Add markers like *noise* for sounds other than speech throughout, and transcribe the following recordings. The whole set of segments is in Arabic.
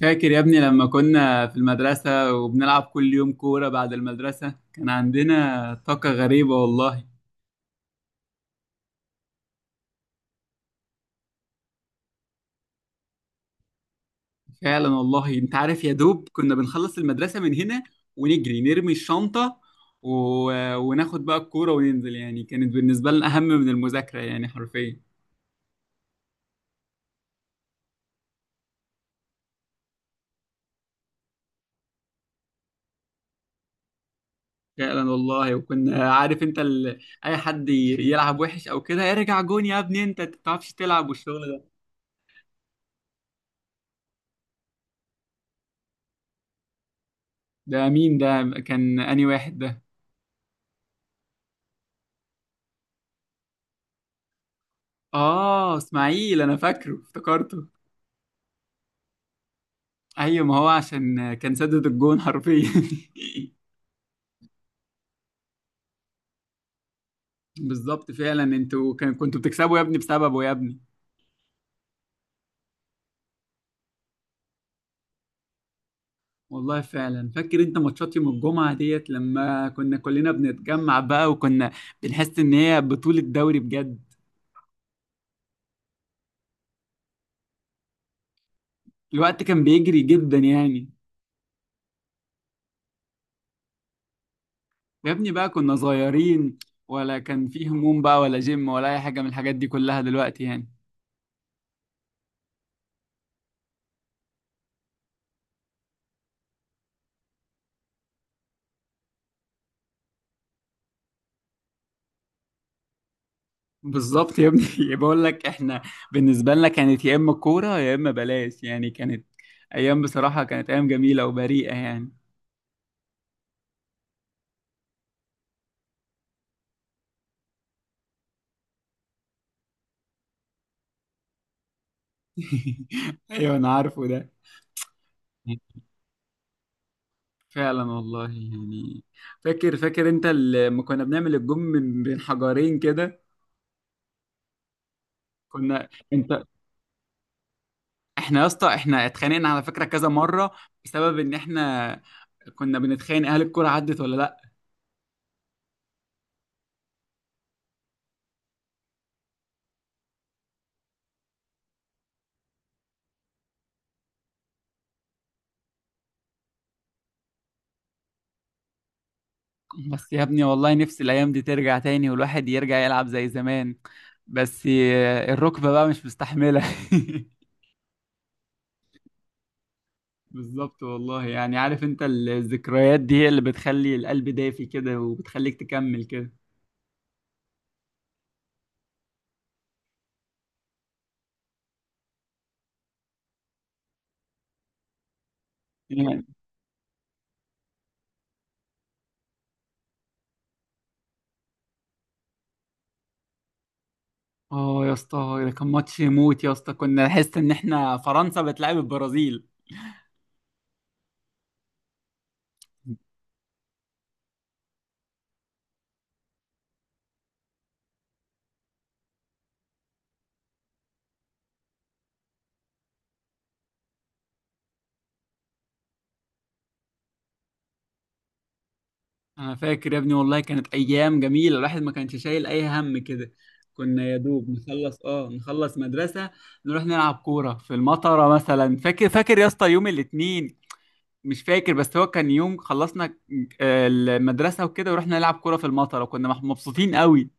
فاكر يا ابني لما كنا في المدرسة وبنلعب كل يوم كورة بعد المدرسة؟ كان عندنا طاقة غريبة والله. فعلا والله، انت عارف، يا دوب كنا بنخلص المدرسة من هنا ونجري نرمي الشنطة و... وناخد بقى الكورة وننزل. يعني كانت بالنسبة لنا أهم من المذاكرة، يعني حرفيا. فعلا والله. وكنا، عارف انت، اي حد يلعب وحش او كده، ارجع جون يا ابني، انت تعرفش تلعب والشغل ده. ده مين ده؟ كان انهي واحد ده؟ اه، اسماعيل، انا فاكره، افتكرته. ايوه، ما هو عشان كان سدد الجون حرفيا. *laughs* بالظبط فعلا، انتوا كنتوا بتكسبوا يا ابني بسببه يا ابني. والله فعلا، فاكر انت ماتشات يوم الجمعة ديت لما كنا كلنا بنتجمع بقى، وكنا بنحس ان هي بطولة دوري بجد. الوقت كان بيجري جدا يعني. يا ابني بقى كنا صغيرين، ولا كان فيه هموم بقى ولا جيم ولا اي حاجة من الحاجات دي كلها دلوقتي يعني. بالظبط يا ابني. *laughs* بقول لك احنا، بالنسبه لنا كانت يا اما كوره يا اما بلاش، يعني كانت ايام بصراحه، كانت ايام جميله وبريئه يعني. *laughs* ايوه انا عارفه ده. فعلا والله يعني. فاكر انت لما كنا بنعمل الجم من بين حجرين كده؟ كنا انت احنا يا اسطى، احنا اتخانقنا على فكره كذا مره بسبب ان احنا كنا بنتخانق هل الكوره عدت ولا لا. بس يا ابني والله نفسي الأيام دي ترجع تاني، والواحد يرجع يلعب زي زمان. بس الركبة بقى مش مستحملة. *laughs* بالظبط والله يعني. عارف انت، الذكريات دي هي اللي بتخلي القلب دافي كده، وبتخليك تكمل كده يعني. اه يا اسطى، ده كان ماتش يموت يا اسطى، كنا نحس ان احنا فرنسا بتلعب البرازيل. انا فاكر يا ابني، والله كانت ايام جميله، الواحد ما كانش شايل اي هم كده. كنا يا دوب نخلص، نخلص مدرسه، نروح نلعب كوره في المطره مثلا. فاكر يا اسطى يوم الاثنين؟ مش فاكر، بس هو كان يوم خلصنا المدرسه وكده، ورحنا نلعب كوره في المطره وكنا مبسوطين قوي.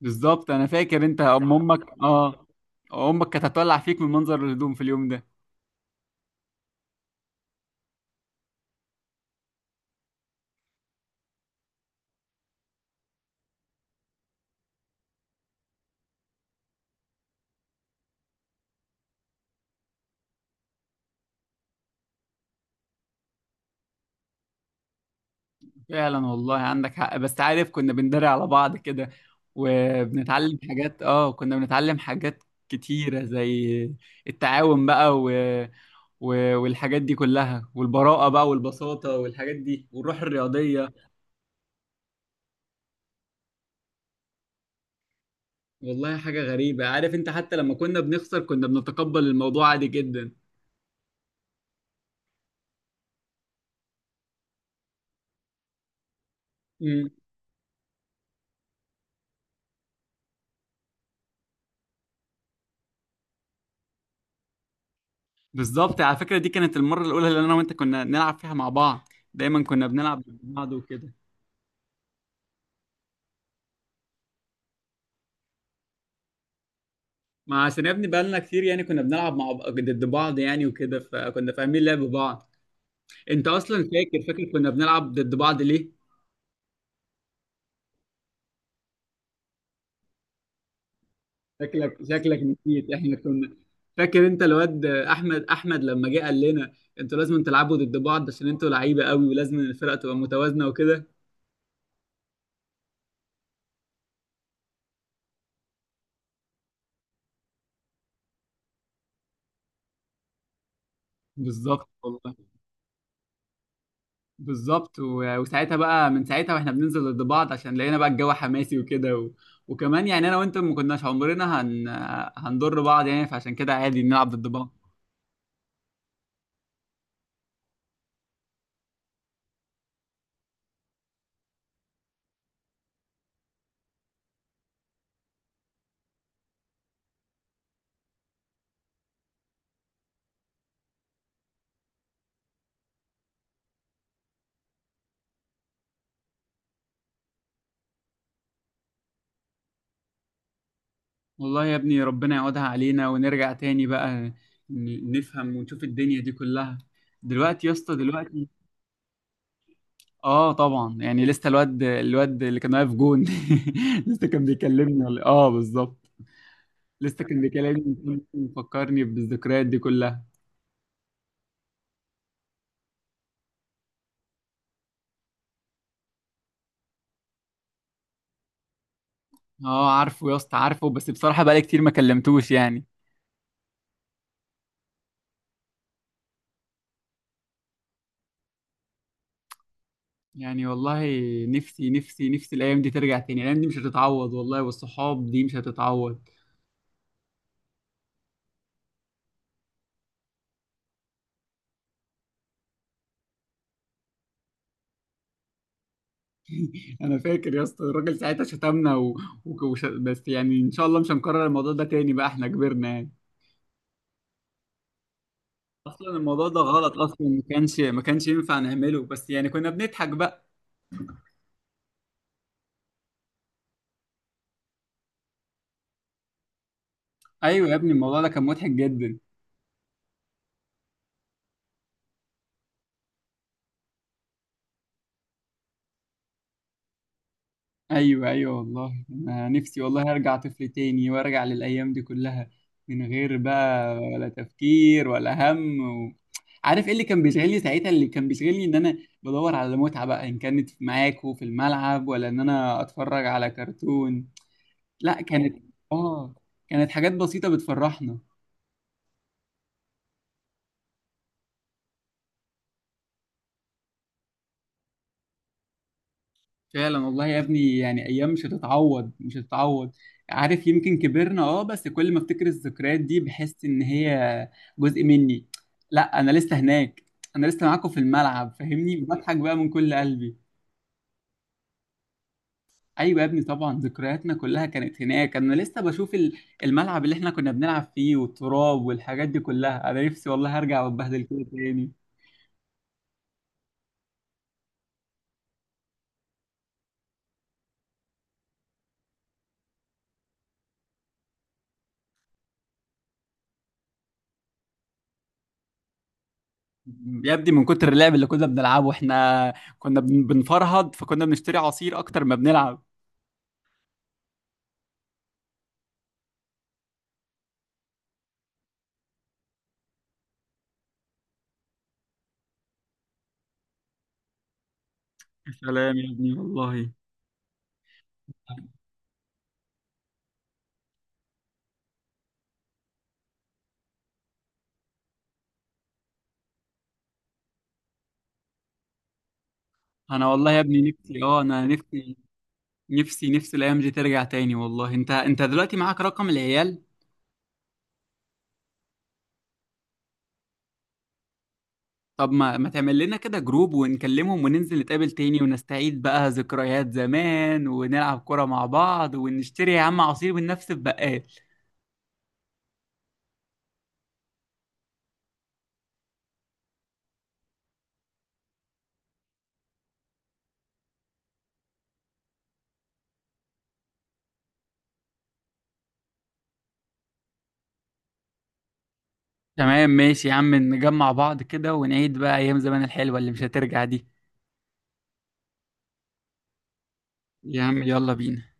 بالظبط، انا فاكر انت ام امك اه امك كانت هتولع فيك من منظر الهدوم في اليوم ده. فعلا والله عندك حق. بس عارف كنا بندري على بعض كده، وبنتعلم حاجات، كنا بنتعلم حاجات كتيرة زي التعاون بقى، والحاجات دي كلها، والبراءة بقى، والبساطة والحاجات دي، والروح الرياضية. والله حاجة غريبة، عارف انت، حتى لما كنا بنخسر كنا بنتقبل الموضوع عادي جدا. امم. بالظبط، على فكرة، دي كانت المرة الأولى اللي أنا وأنت كنا نلعب فيها مع بعض. دايما كنا بنلعب مع بعض وكده. ما عشان يا ابني بقالنا كتير، يعني كنا بنلعب مع ضد بعض يعني وكده، فكنا فاهمين لعب بعض. انت اصلا فاكر كنا بنلعب ضد بعض ليه؟ شكلك نسيت. احنا كنا فاكر انت الواد احمد لما جه قال لنا، انتوا لازم تلعبوا ضد بعض عشان انتوا لعيبه قوي، ولازم الفرقه تبقى متوازنه وكده. بالظبط والله. بالظبط، وساعتها بقى، من ساعتها واحنا بننزل ضد بعض عشان لقينا بقى الجو حماسي وكده، وكمان يعني انا وانت ما كناش عمرنا هنضر بعض يعني، فعشان كده عادي نلعب ضد بعض. والله يا ابني ربنا يعودها علينا ونرجع تاني بقى، نفهم ونشوف الدنيا دي كلها دلوقتي يا اسطى دلوقتي. اه طبعا، يعني لسه الواد اللي كان واقف جون. *laughs* لسه كان بيكلمني، ولا بالظبط، لسه كان بيكلمني، مفكرني بالذكريات دي كلها. اه عارفه يا اسطى، عارفه، بس بصراحة بقالي كتير ما كلمتوش يعني. يعني والله، نفسي نفسي نفسي الايام دي ترجع تاني. الايام دي مش هتتعوض والله، والصحاب دي مش هتتعوض. *laughs* انا فاكر يا اسطى، الراجل ساعتها شتمنا بس يعني ان شاء الله مش هنكرر الموضوع ده تاني بقى، احنا كبرنا يعني. اصلا الموضوع ده غلط، اصلا ما كانش ينفع نعمله، بس يعني كنا بنضحك بقى. ايوه يا ابني الموضوع ده كان مضحك جدا. ايوه ايوه والله، انا نفسي والله ارجع طفل تاني وارجع للايام دي كلها، من غير بقى ولا تفكير ولا هم و... عارف ايه اللي كان بيشغلني ساعتها؟ اللي كان بيشغلني ان انا بدور على متعة بقى، ان كانت معاكوا في الملعب ولا ان انا اتفرج على كرتون. لا. اه كانت حاجات بسيطة بتفرحنا. فعلا والله يا ابني يعني، ايام مش هتتعوض، مش هتتعوض. عارف، يمكن كبرنا، بس كل ما افتكر الذكريات دي بحس ان هي جزء مني. لا، انا لسه هناك، انا لسه معاكم في الملعب، فاهمني؟ بضحك بقى من كل قلبي. ايوه يا ابني طبعا، ذكرياتنا كلها كانت هناك. انا لسه بشوف الملعب اللي احنا كنا بنلعب فيه، والتراب والحاجات دي كلها. انا نفسي والله هرجع واتبهدل كده تاني. يا ابني من كتر اللعب اللي كنا بنلعبه، احنا كنا بنفرهد، فكنا بنشتري عصير اكتر ما بنلعب. يا سلام يا ابني والله. انا والله يا ابني نفسي، انا نفسي نفسي نفسي الايام دي ترجع تاني. والله انت دلوقتي معاك رقم العيال. طب ما تعمل لنا كده جروب، ونكلمهم وننزل نتقابل تاني، ونستعيد بقى ذكريات زمان، ونلعب كرة مع بعض، ونشتري يا عم عصير من نفس البقال. تمام ماشي يا عم، نجمع بعض كده ونعيد بقى ايام زمان الحلوة اللي مش هترجع دي. يا عم يلا بينا.